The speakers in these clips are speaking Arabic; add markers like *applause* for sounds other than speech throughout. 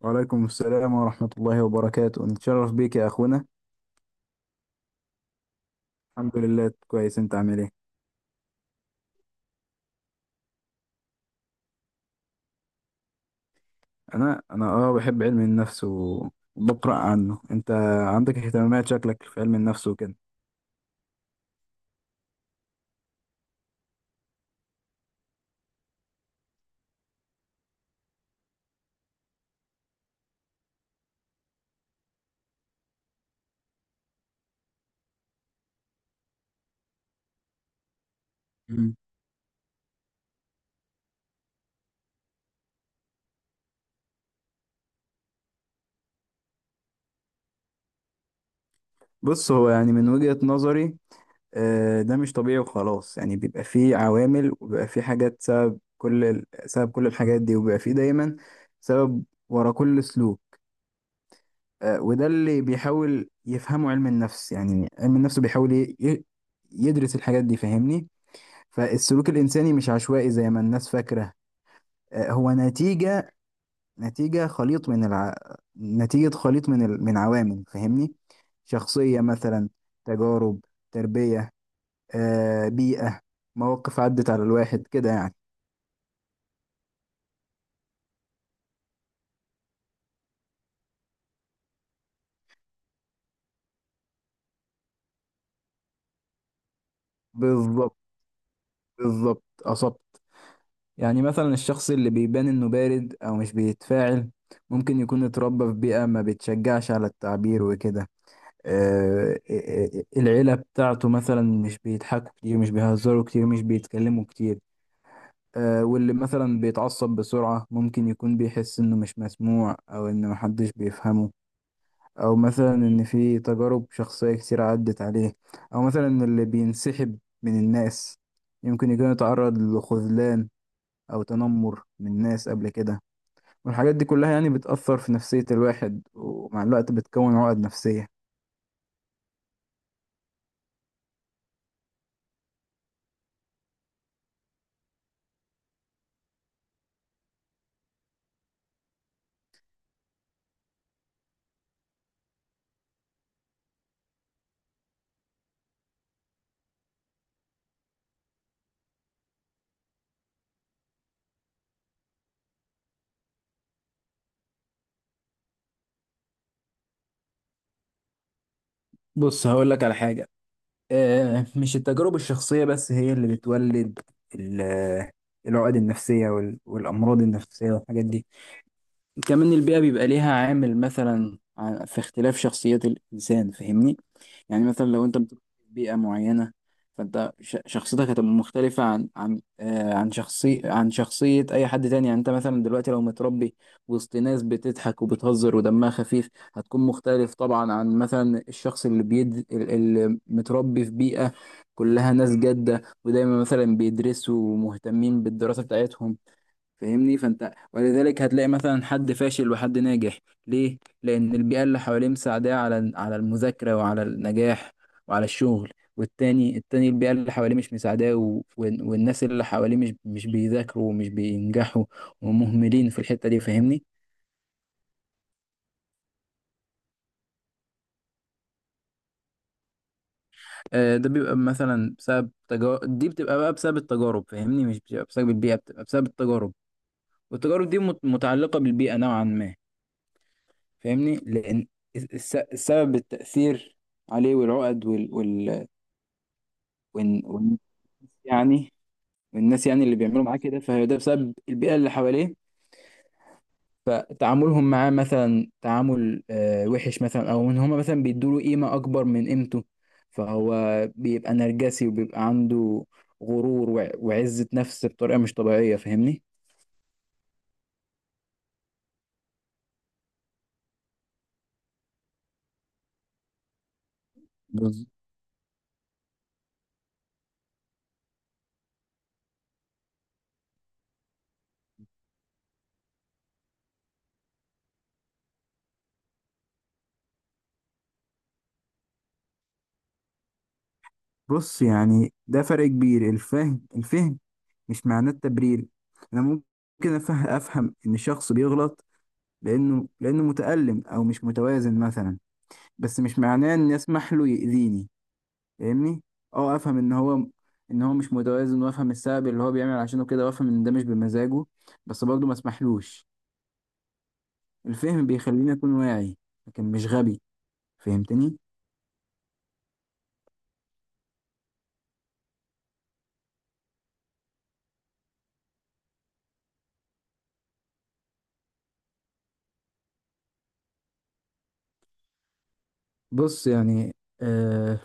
وعليكم السلام ورحمة الله وبركاته، نتشرف بيك يا أخونا. الحمد لله كويس. أنت عامل إيه؟ أنا أه بحب علم النفس وبقرأ عنه. أنت عندك اهتمامات، شكلك في علم النفس وكده. مم. بص، هو يعني من وجهة نظري، ده مش طبيعي وخلاص، يعني بيبقى فيه عوامل وبيبقى فيه حاجات سبب سبب كل الحاجات دي، وبيبقى فيه دايما سبب ورا كل سلوك. وده اللي بيحاول يفهمه علم النفس. يعني علم النفس بيحاول يدرس الحاجات دي، فاهمني. فالسلوك الإنساني مش عشوائي زي ما الناس فاكرة. هو نتيجة، نتيجة خليط من الع... نتيجة خليط من عوامل، فاهمني. شخصية مثلا، تجارب، تربية، بيئة، مواقف عدت على الواحد كده يعني. بالظبط، بالظبط أصبت. يعني مثلا الشخص اللي بيبان إنه بارد أو مش بيتفاعل ممكن يكون اتربى في بيئة ما بتشجعش على التعبير وكده. العيلة بتاعته مثلا مش بيضحكوا كتير، مش بيهزروا كتير، مش بيتكلموا كتير. واللي مثلا بيتعصب بسرعة ممكن يكون بيحس إنه مش مسموع أو إن محدش بيفهمه، أو مثلا إن في تجارب شخصية كتير عدت عليه. أو مثلا اللي بينسحب من الناس يمكن يكون يتعرض لخذلان أو تنمر من الناس قبل كده. والحاجات دي كلها يعني بتأثر في نفسية الواحد، ومع الوقت بتكون عقد نفسية. بص، هقول لك على حاجة. مش التجارب الشخصية بس هي اللي بتولد ال- آه، العقد النفسية والأمراض النفسية والحاجات دي. كمان البيئة بيبقى ليها عامل مثلا في اختلاف شخصيات الإنسان، فاهمني. يعني مثلا لو انت بتروح بيئة معينة، فانت شخصيتك هتبقى مختلفة عن شخصية اي حد تاني. يعني انت مثلا دلوقتي لو متربي وسط ناس بتضحك وبتهزر ودمها خفيف، هتكون مختلف طبعا عن مثلا الشخص اللي متربي في بيئة كلها ناس جادة ودايما مثلا بيدرسوا ومهتمين بالدراسة بتاعتهم، فاهمني. فانت ولذلك هتلاقي مثلا حد فاشل وحد ناجح. ليه؟ لان البيئه اللي حواليه مساعداه على على المذاكره وعلى النجاح وعلى الشغل. والتاني البيئه اللي حواليه مش مساعداه، والناس اللي حواليه مش بيذاكروا ومش بينجحوا ومهملين في الحته دي، فاهمني. آه، ده بيبقى مثلا بسبب تجارب، دي بتبقى بقى بسبب التجارب، فاهمني. مش بتبقى بسبب البيئه، بتبقى بسبب التجارب. والتجارب دي متعلقه بالبيئه نوعا ما، فاهمني. لان السبب التأثير عليه والعقد وال وال وال وال يعني والناس يعني اللي بيعملوا معاه كده، فهي ده بسبب البيئة اللي حواليه. فتعاملهم معاه مثلا تعامل وحش مثلا، او ان هما مثلا بيدوا له قيمة اكبر من قيمته، فهو بيبقى نرجسي وبيبقى عنده غرور وعزة نفس بطريقة مش طبيعية، فاهمني. بز- بص، يعني ده فرق كبير. الفهم، الفهم مش معناه التبرير. انا ممكن افهم ان الشخص بيغلط، لانه متألم او مش متوازن مثلا، بس مش معناه ان اسمح له يأذيني، فاهمني. اه افهم ان هو مش متوازن، وافهم السبب اللي هو بيعمل عشانه كده، وافهم ان ده مش بمزاجه، بس برضه ما اسمحلوش. الفهم بيخليني اكون واعي لكن مش غبي، فهمتني. بص، يعني آه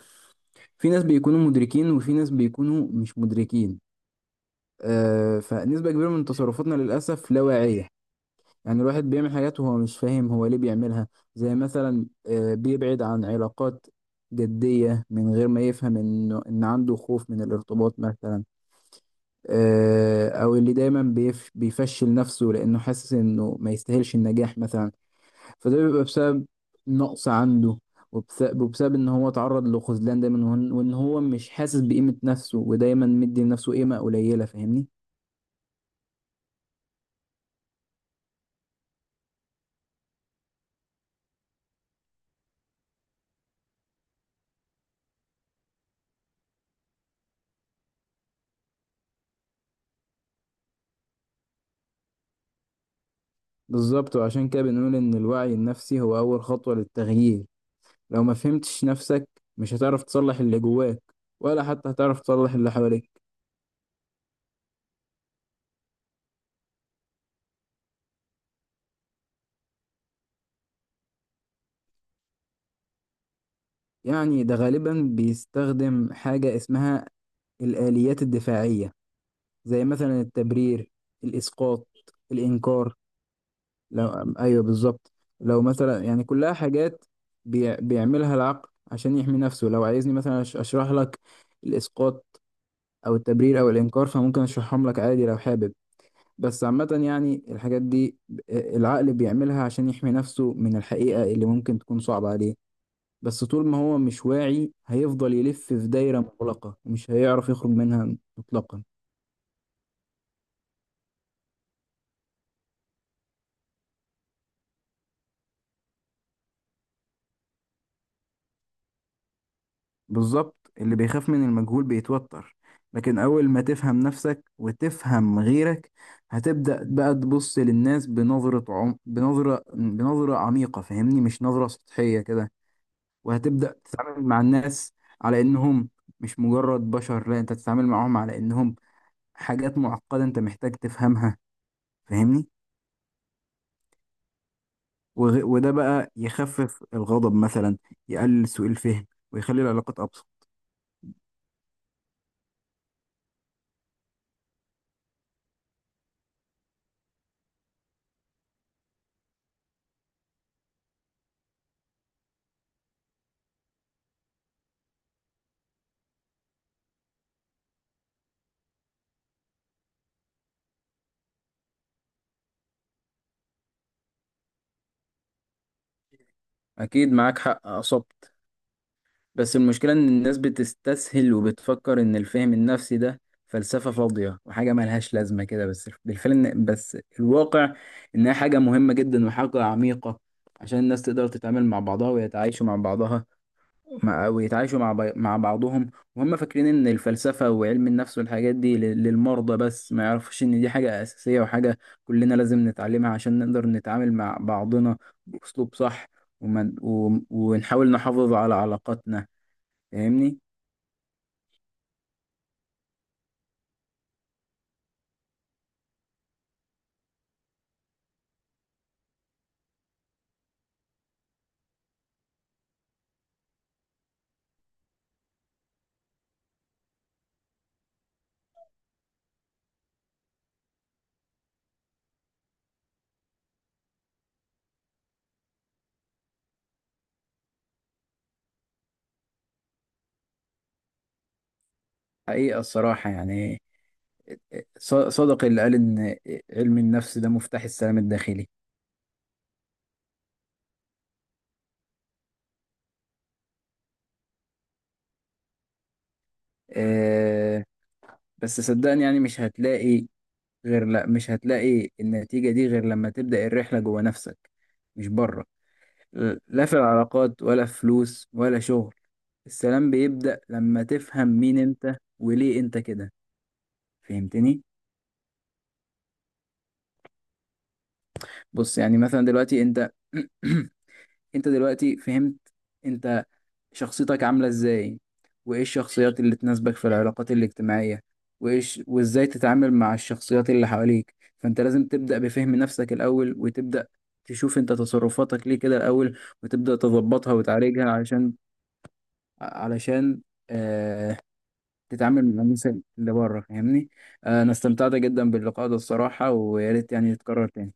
في ناس بيكونوا مدركين وفي ناس بيكونوا مش مدركين. فنسبة كبيرة من تصرفاتنا للأسف لا واعية. يعني الواحد بيعمل حاجات وهو مش فاهم هو ليه بيعملها. زي مثلا بيبعد عن علاقات جدية من غير ما يفهم إنه إن عنده خوف من الارتباط مثلا. أو اللي دايما بيفشل نفسه لأنه حاسس إنه ما يستاهلش النجاح مثلا. فده بيبقى بسبب نقص عنده، وبسبب إن هو تعرض لخذلان دايما، وإن هو مش حاسس بقيمة نفسه ودايما مدي لنفسه قيمة قليلة، فاهمني. بالظبط، وعشان كده بنقول إن الوعي النفسي هو أول خطوة للتغيير. لو ما فهمتش نفسك مش هتعرف تصلح اللي جواك، ولا حتى هتعرف تصلح اللي حواليك. يعني ده غالبا بيستخدم حاجة اسمها الآليات الدفاعية، زي مثلا التبرير، الإسقاط، الإنكار. لو أيوه بالظبط. لو مثلا يعني كلها حاجات بيعملها العقل عشان يحمي نفسه. لو عايزني مثلا أشرح لك الإسقاط أو التبرير أو الإنكار، فممكن أشرحهم لك عادي لو حابب. بس عامة يعني الحاجات دي العقل بيعملها عشان يحمي نفسه من الحقيقة اللي ممكن تكون صعبة عليه. بس طول ما هو مش واعي هيفضل يلف في دايرة مغلقة ومش هيعرف يخرج منها مطلقا. بالظبط، اللي بيخاف من المجهول بيتوتر، لكن أول ما تفهم نفسك وتفهم غيرك، هتبدأ بقى تبص للناس بنظرة عميقة، فاهمني، مش نظرة سطحية كده. وهتبدأ تتعامل مع الناس على إنهم مش مجرد بشر، لا، أنت تتعامل معاهم على إنهم حاجات معقدة أنت محتاج تفهمها، فاهمني. وده بقى يخفف الغضب مثلا، يقلل سوء الفهم، ويخلي العلاقات أبسط. أكيد معاك حق، أصبت. بس المشكلة إن الناس بتستسهل وبتفكر إن الفهم النفسي ده فلسفة فاضية وحاجة ملهاش لازمة كده، بس الواقع إنها حاجة مهمة جدا وحاجة عميقة عشان الناس تقدر تتعامل مع بعضها ويتعايشوا مع بعضها، ويتعايشوا مع بعضهم. وهم فاكرين ان الفلسفة وعلم النفس والحاجات دي للمرضى بس، ما يعرفش ان دي حاجة اساسية وحاجة كلنا لازم نتعلمها عشان نقدر نتعامل مع بعضنا باسلوب صح، ونحاول نحافظ على علاقاتنا، فاهمني. حقيقة الصراحة يعني، صدق اللي قال ان علم النفس ده مفتاح السلام الداخلي. أه بس صدقني يعني مش هتلاقي غير، لا، مش هتلاقي النتيجة دي غير لما تبدأ الرحلة جوه نفسك، مش بره. لا في العلاقات ولا في فلوس ولا شغل. السلام بيبدأ لما تفهم مين انت وليه انت كده، فهمتني. بص، يعني مثلا دلوقتي انت *clears throat* انت دلوقتي فهمت انت شخصيتك عاملة ازاي، وايه الشخصيات اللي تناسبك في العلاقات الاجتماعية، وايش وازاي تتعامل مع الشخصيات اللي حواليك. فانت لازم تبدأ بفهم نفسك الاول، وتبدأ تشوف انت تصرفاتك ليه كده الاول، وتبدأ تظبطها وتعالجها علشان، علشان آه تتعامل مع الناس اللي بره، فاهمني. انا استمتعت جدا باللقاء ده الصراحة، ويا ريت يعني يتكرر تاني.